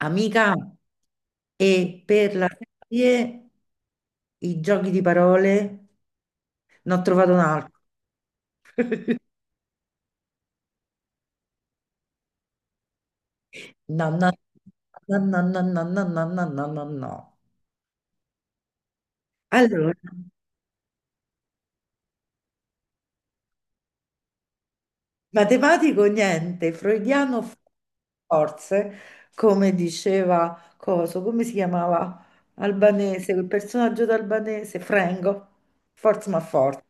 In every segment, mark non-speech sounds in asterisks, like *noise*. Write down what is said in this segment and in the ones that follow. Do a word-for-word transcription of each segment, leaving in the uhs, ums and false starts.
Amica, e per la serie i giochi di parole ne ho trovato un altro. *laughs* No, no, no, no, no, no, no, no, no, no, no, no. Allora, matematico niente, freudiano forse, come diceva Coso, come si chiamava? Albanese, quel personaggio d'albanese, Frengo, forza ma forza.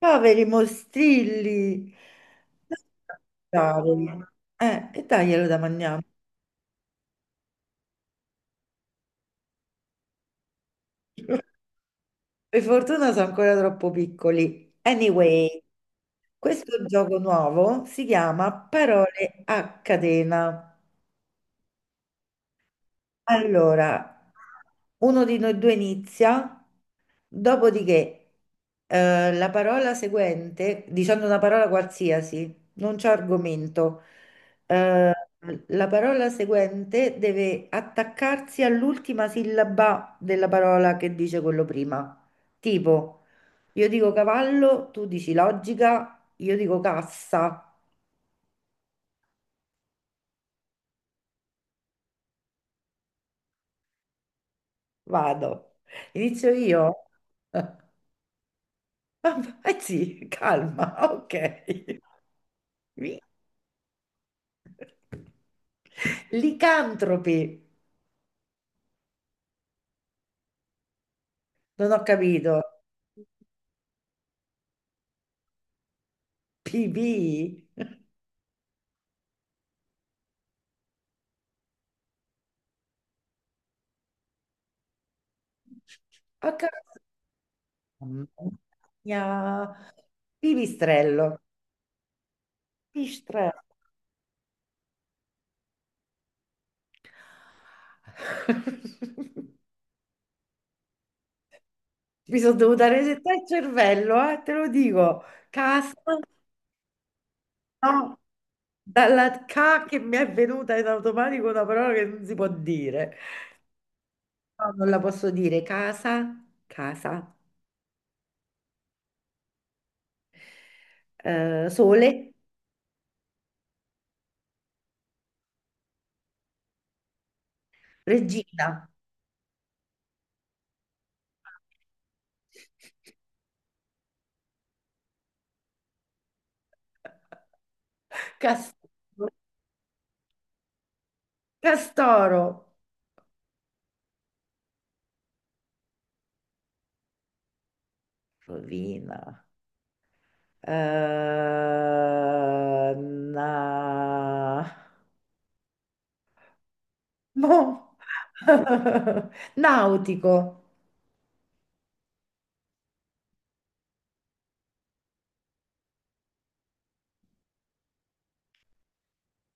Poveri mostrilli. Cavoli. Eh, e daglielo da mangiare. Per fortuna sono ancora troppo piccoli. Anyway, questo gioco nuovo si chiama Parole a catena. Allora, uno di noi due inizia, dopodiché eh, la parola seguente, dicendo una parola qualsiasi, non c'è argomento, eh, la parola seguente deve attaccarsi all'ultima sillaba della parola che dice quello prima. Tipo. Io dico cavallo, tu dici logica, io dico cassa. Vado. Inizio io? *laughs* Eh sì, calma, *laughs* ok. Mi- Licantropi, non ho capito. P B? Ho capito. Mamma mia. Pipistrello. Pipistrello. *laughs* Mi sono dovuta resettare il cervello, eh, te lo dico. Cassa, no. Dalla K che mi è venuta in automatico una parola che non si può dire. No, non la posso dire. Casa, casa, eh, sole, regina, *laughs* castoro, castoro, rovina. eh, na- mo- *laughs* Nautico,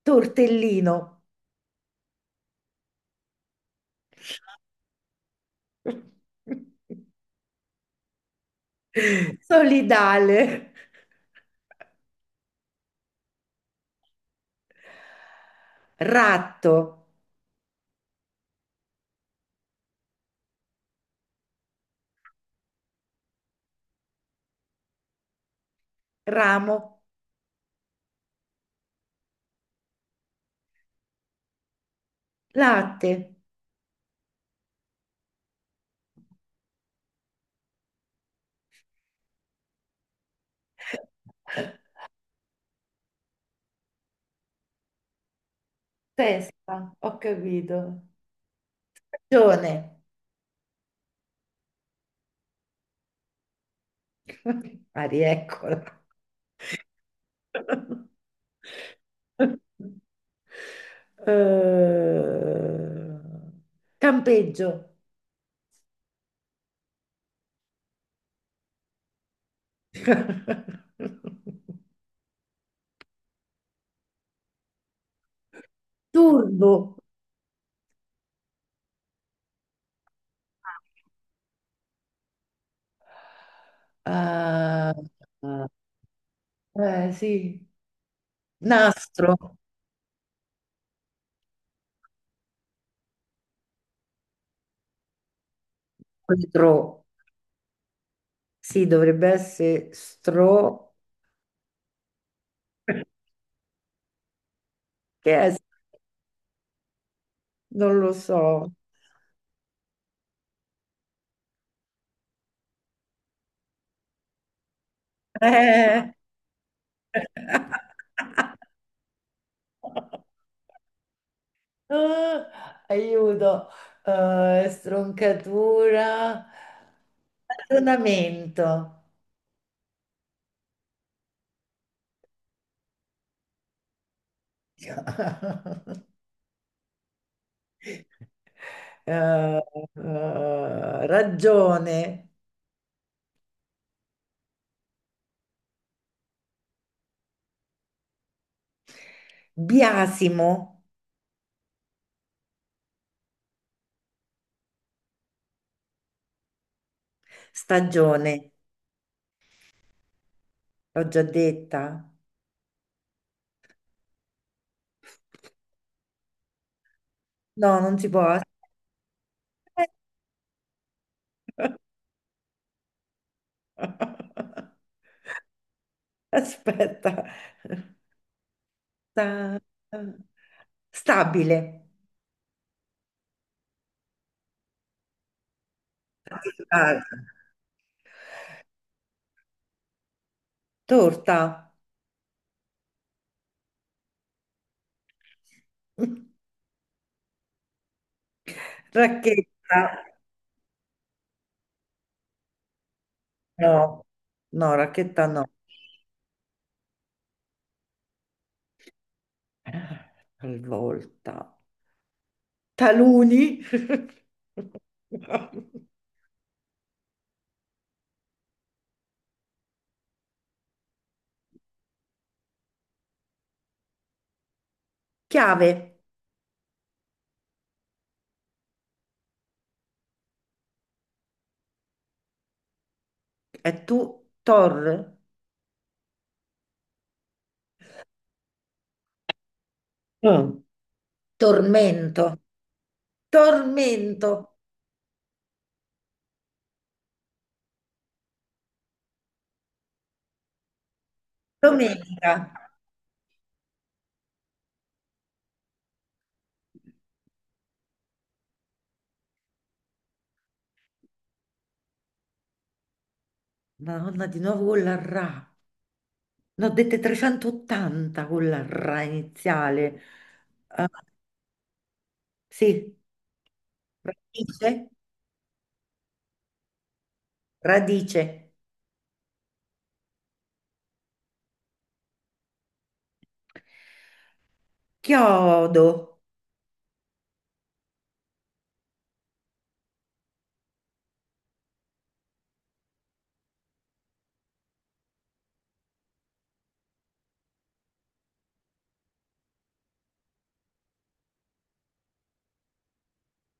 tortellino, *laughs* solidale, ratto. Ramo, latte, *laughs* Testa, ho capito. Ragione. *laughs* Ah, rieccola. *laughs* Eh, campeggio. *laughs* Turbo. Ah, eh, sì. Nastro. Stro. Sì, dovrebbe essere stro. *laughs* Che è? Non lo so. Eh. *laughs* Ah, aiuto, Eh, stroncatura, ragionamento, *laughs* Eh, eh, ragione, biasimo, stagione, l'ho già detta. No, non si può. Aspetta. *laughs* Aspetta. Sta- Stabile. Ah, torta. Racchetta, no, no, racchetta no. Talvolta. Taluni. *laughs* Chiave, e tu, tor, mm. Tormento, tormento, domenica. Madonna, di nuovo con la ra. Ne ho dette trecentottanta con la ra iniziale. Ah, sì, radice, radice. Chiodo,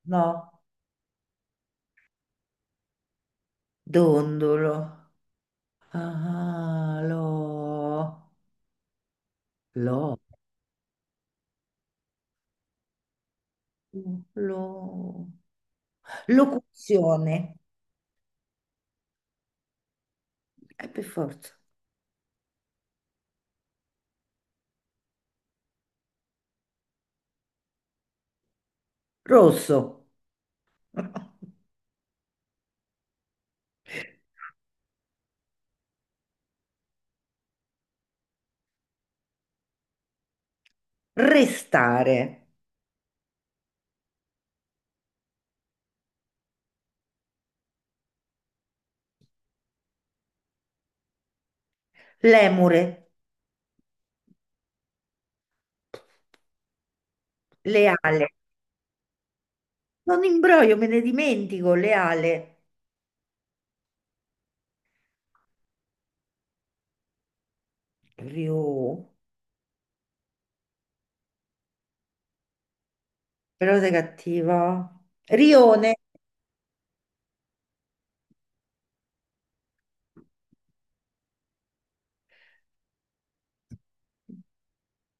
no. Dondolo. Ah, lo, lo, lo. Locuzione. Eh, per forza. Rosso. *laughs* Restare. Lemure. Leale. Non imbroglio, me ne dimentico. Leale. Rio. Però sei cattiva. Rione.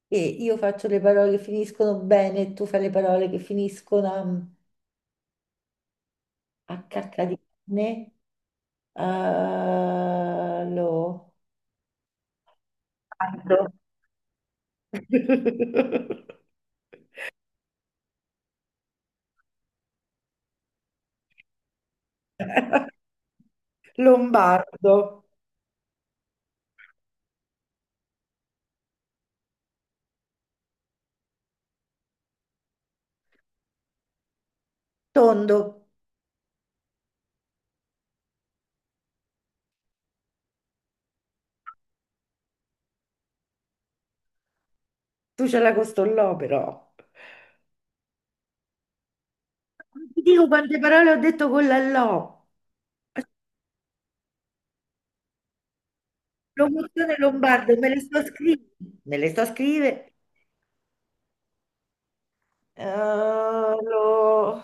E io faccio le parole che finiscono bene e tu fai le parole che finiscono a, a cacca di cane. Eh, lo. Aldo. *laughs* Lombardo, tondo, tu ce l'hai con sto lo però. Non ti dico quante parole ho detto con la lo. Locuzione lombardo, me le sto scrivendo. Me le sto scrivendo. Eh, lo.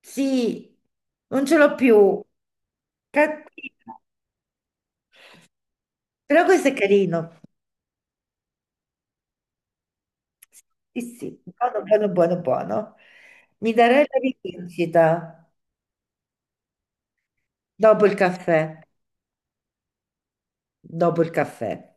Sì, non ce l'ho più. Cattiva. Però questo è carino. Sì, sì, buono, buono, buono, buono. Mi darei la rivincita dopo il caffè, dopo il caffè.